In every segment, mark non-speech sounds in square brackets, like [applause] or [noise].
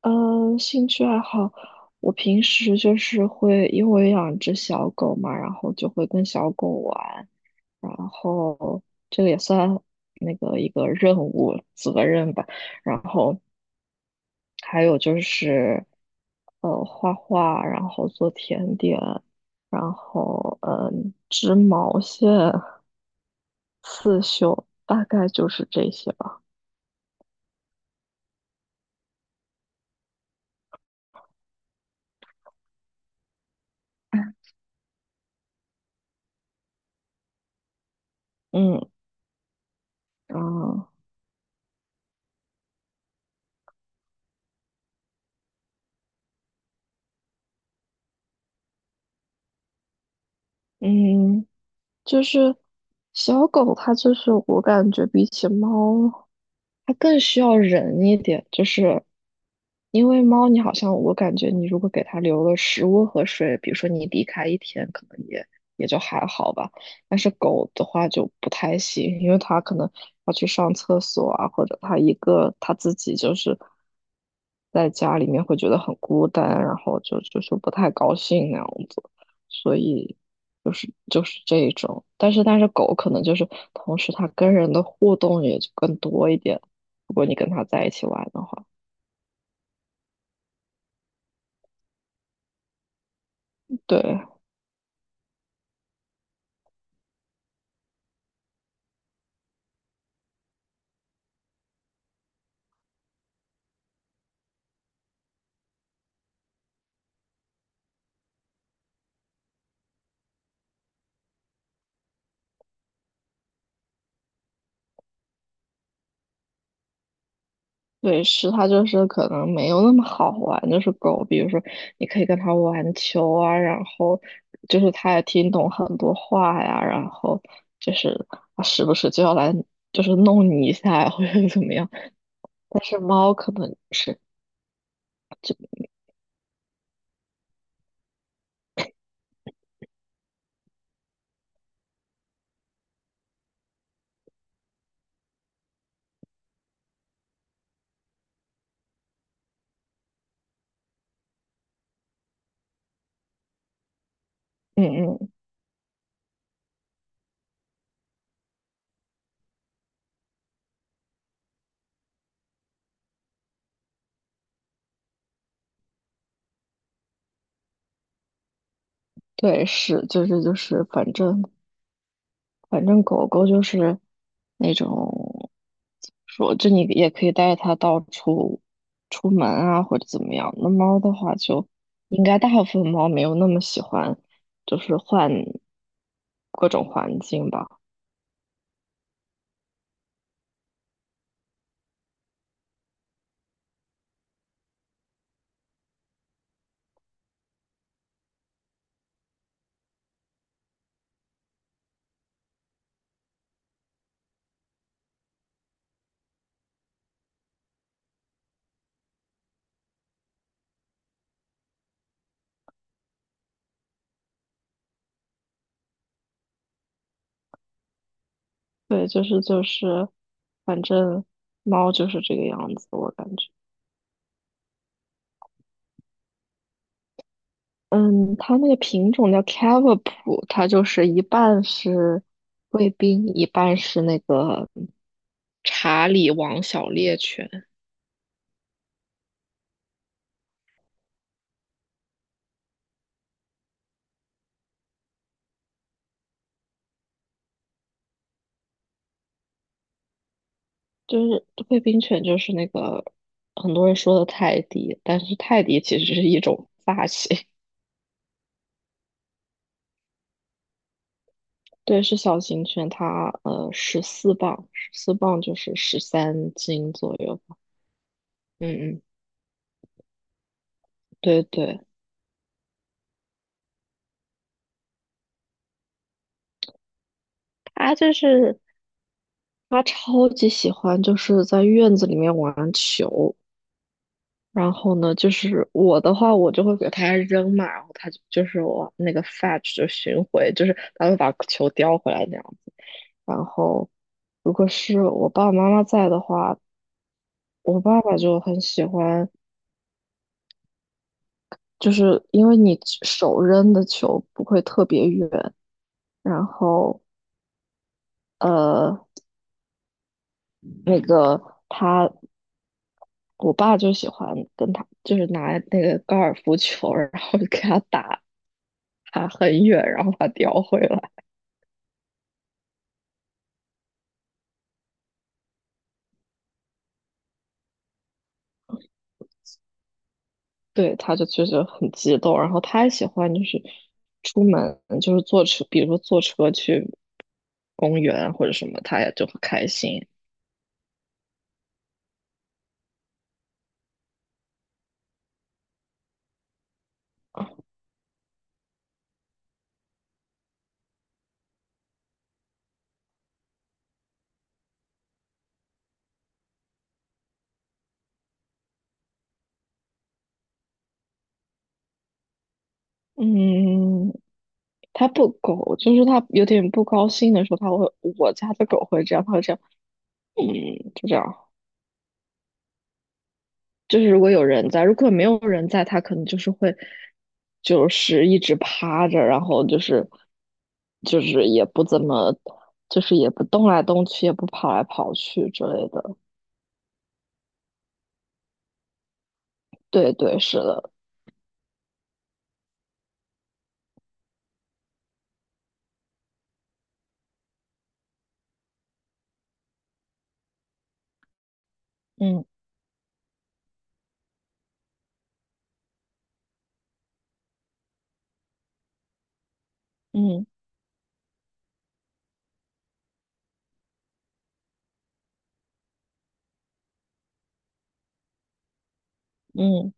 嗯，兴趣爱好，我平时就是会，因为我养只小狗嘛，然后就会跟小狗玩，然后这个也算那个一个任务责任吧。然后还有就是，画画，然后做甜点，然后织毛线、刺绣，大概就是这些吧。嗯，啊，嗯。就是小狗，它就是我感觉比起猫，它更需要人一点。就是因为猫，你好像我感觉你如果给它留了食物和水，比如说你离开一天，可能也就还好吧。但是狗的话就不太行，因为它可能要去上厕所啊，或者它一个它自己就是在家里面会觉得很孤单，然后就是不太高兴那样子。所以就是这一种，但是狗可能就是同时它跟人的互动也就更多一点，如果你跟它在一起玩的话，对对，是它就是可能没有那么好玩，就是狗，比如说你可以跟它玩球啊，然后就是它也听懂很多话呀，然后就是它时不时就要来就是弄你一下呀或者怎么样，但是猫可能是。嗯嗯，对，是，就是，反正狗狗就是那种，说就你也可以带它到处出门啊，或者怎么样。那猫的话就，应该大部分猫没有那么喜欢，就是换各种环境吧。对，就是，反正猫就是这个样子，我感觉。嗯，它那个品种叫 CAV 它就是一半是贵宾，一半是那个查理王小猎犬。就是贵宾犬，就是那个很多人说的泰迪，但是泰迪其实是一种发型。[laughs] 对，是小型犬，它十四磅，十四磅就是13斤左右吧。嗯嗯，对对，它就是它超级喜欢就是在院子里面玩球，然后呢，就是我的话，我就会给它扔嘛，然后它就是我那个 fetch 就寻回，就是它会把球叼回来那样。然后，如果是我爸爸妈妈在的话，我爸爸就很喜欢，就是因为你手扔的球不会特别远，然后呃，那个他，我爸就喜欢跟他，就是拿那个高尔夫球，然后给他打，打很远，然后把它叼回来。对，他就确实很激动，然后他也喜欢就是出门，就是坐车，比如说坐车去公园或者什么，他也就很开心。嗯，它不狗，就是它有点不高兴的时候，它会，我家的狗会这样，它会这样，嗯，就这样。就是如果有人在，如果没有人在，它可能就是会，就是一直趴着，然后就是，就是也不怎么，就是也不动来动去，也不跑来跑去之类的。对对，是的，嗯嗯嗯，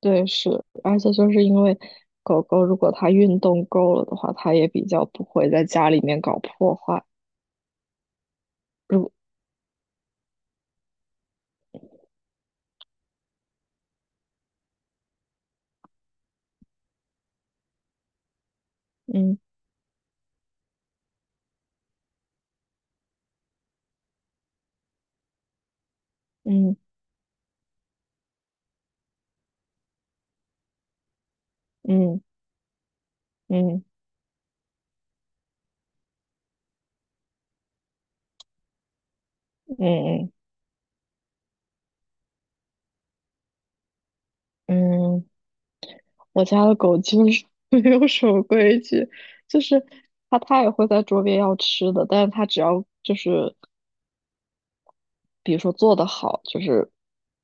对是，而且就是因为狗狗如果它运动够了的话，它也比较不会在家里面搞破坏。如嗯嗯嗯嗯嗯嗯，嗯，我家的狗基本上 [laughs] 没有什么规矩，就是它也会在桌边要吃的，但是它只要就是比如说做得好，就是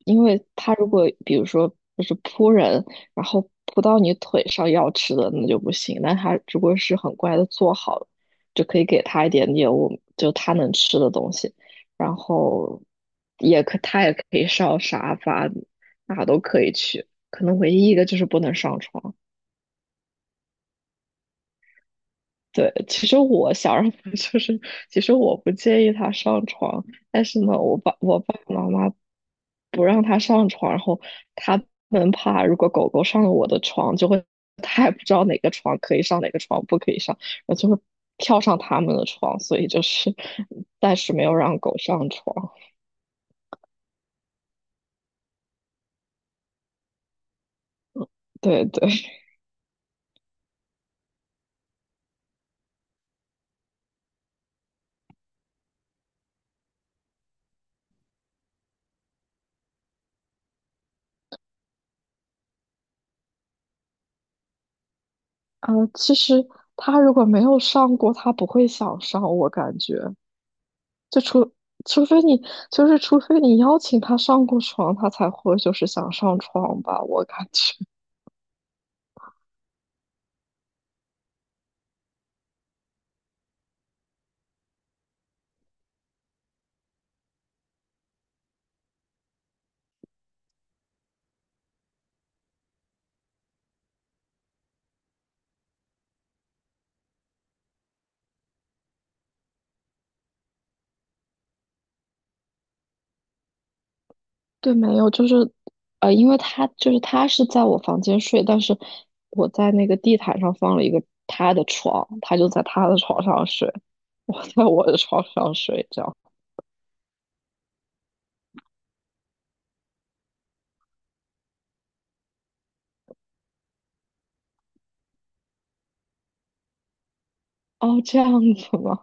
因为他如果比如说就是扑人，然后扑到你腿上要吃的那就不行，但他如果是很乖的做好了就可以给他一点点就他能吃的东西，然后也可以上沙发，哪都可以去，可能唯一一个就是不能上床。对，其实我想让他就是，其实我不介意他上床，但是呢，我爸爸妈妈不让他上床，然后他们怕如果狗狗上了我的床，就会他也不知道哪个床可以上，哪个床不可以上，然后就会跳上他们的床，所以就是暂时没有让狗上床。对对，其实他如果没有上过，他不会想上，我感觉。就除除非你就是除非你邀请他上过床，他才会就是想上床吧，我感觉。对，没有，就是因为他是在我房间睡，但是我在那个地毯上放了一个他的床，他就在他的床上睡，我在我的床上睡，这样。哦，这样子吗？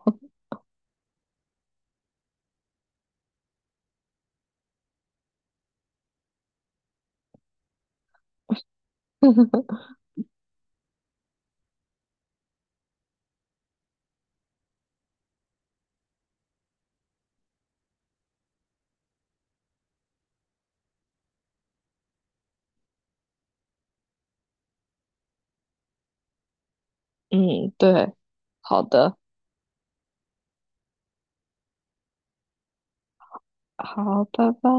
[laughs] 嗯，对，好的，好，拜拜。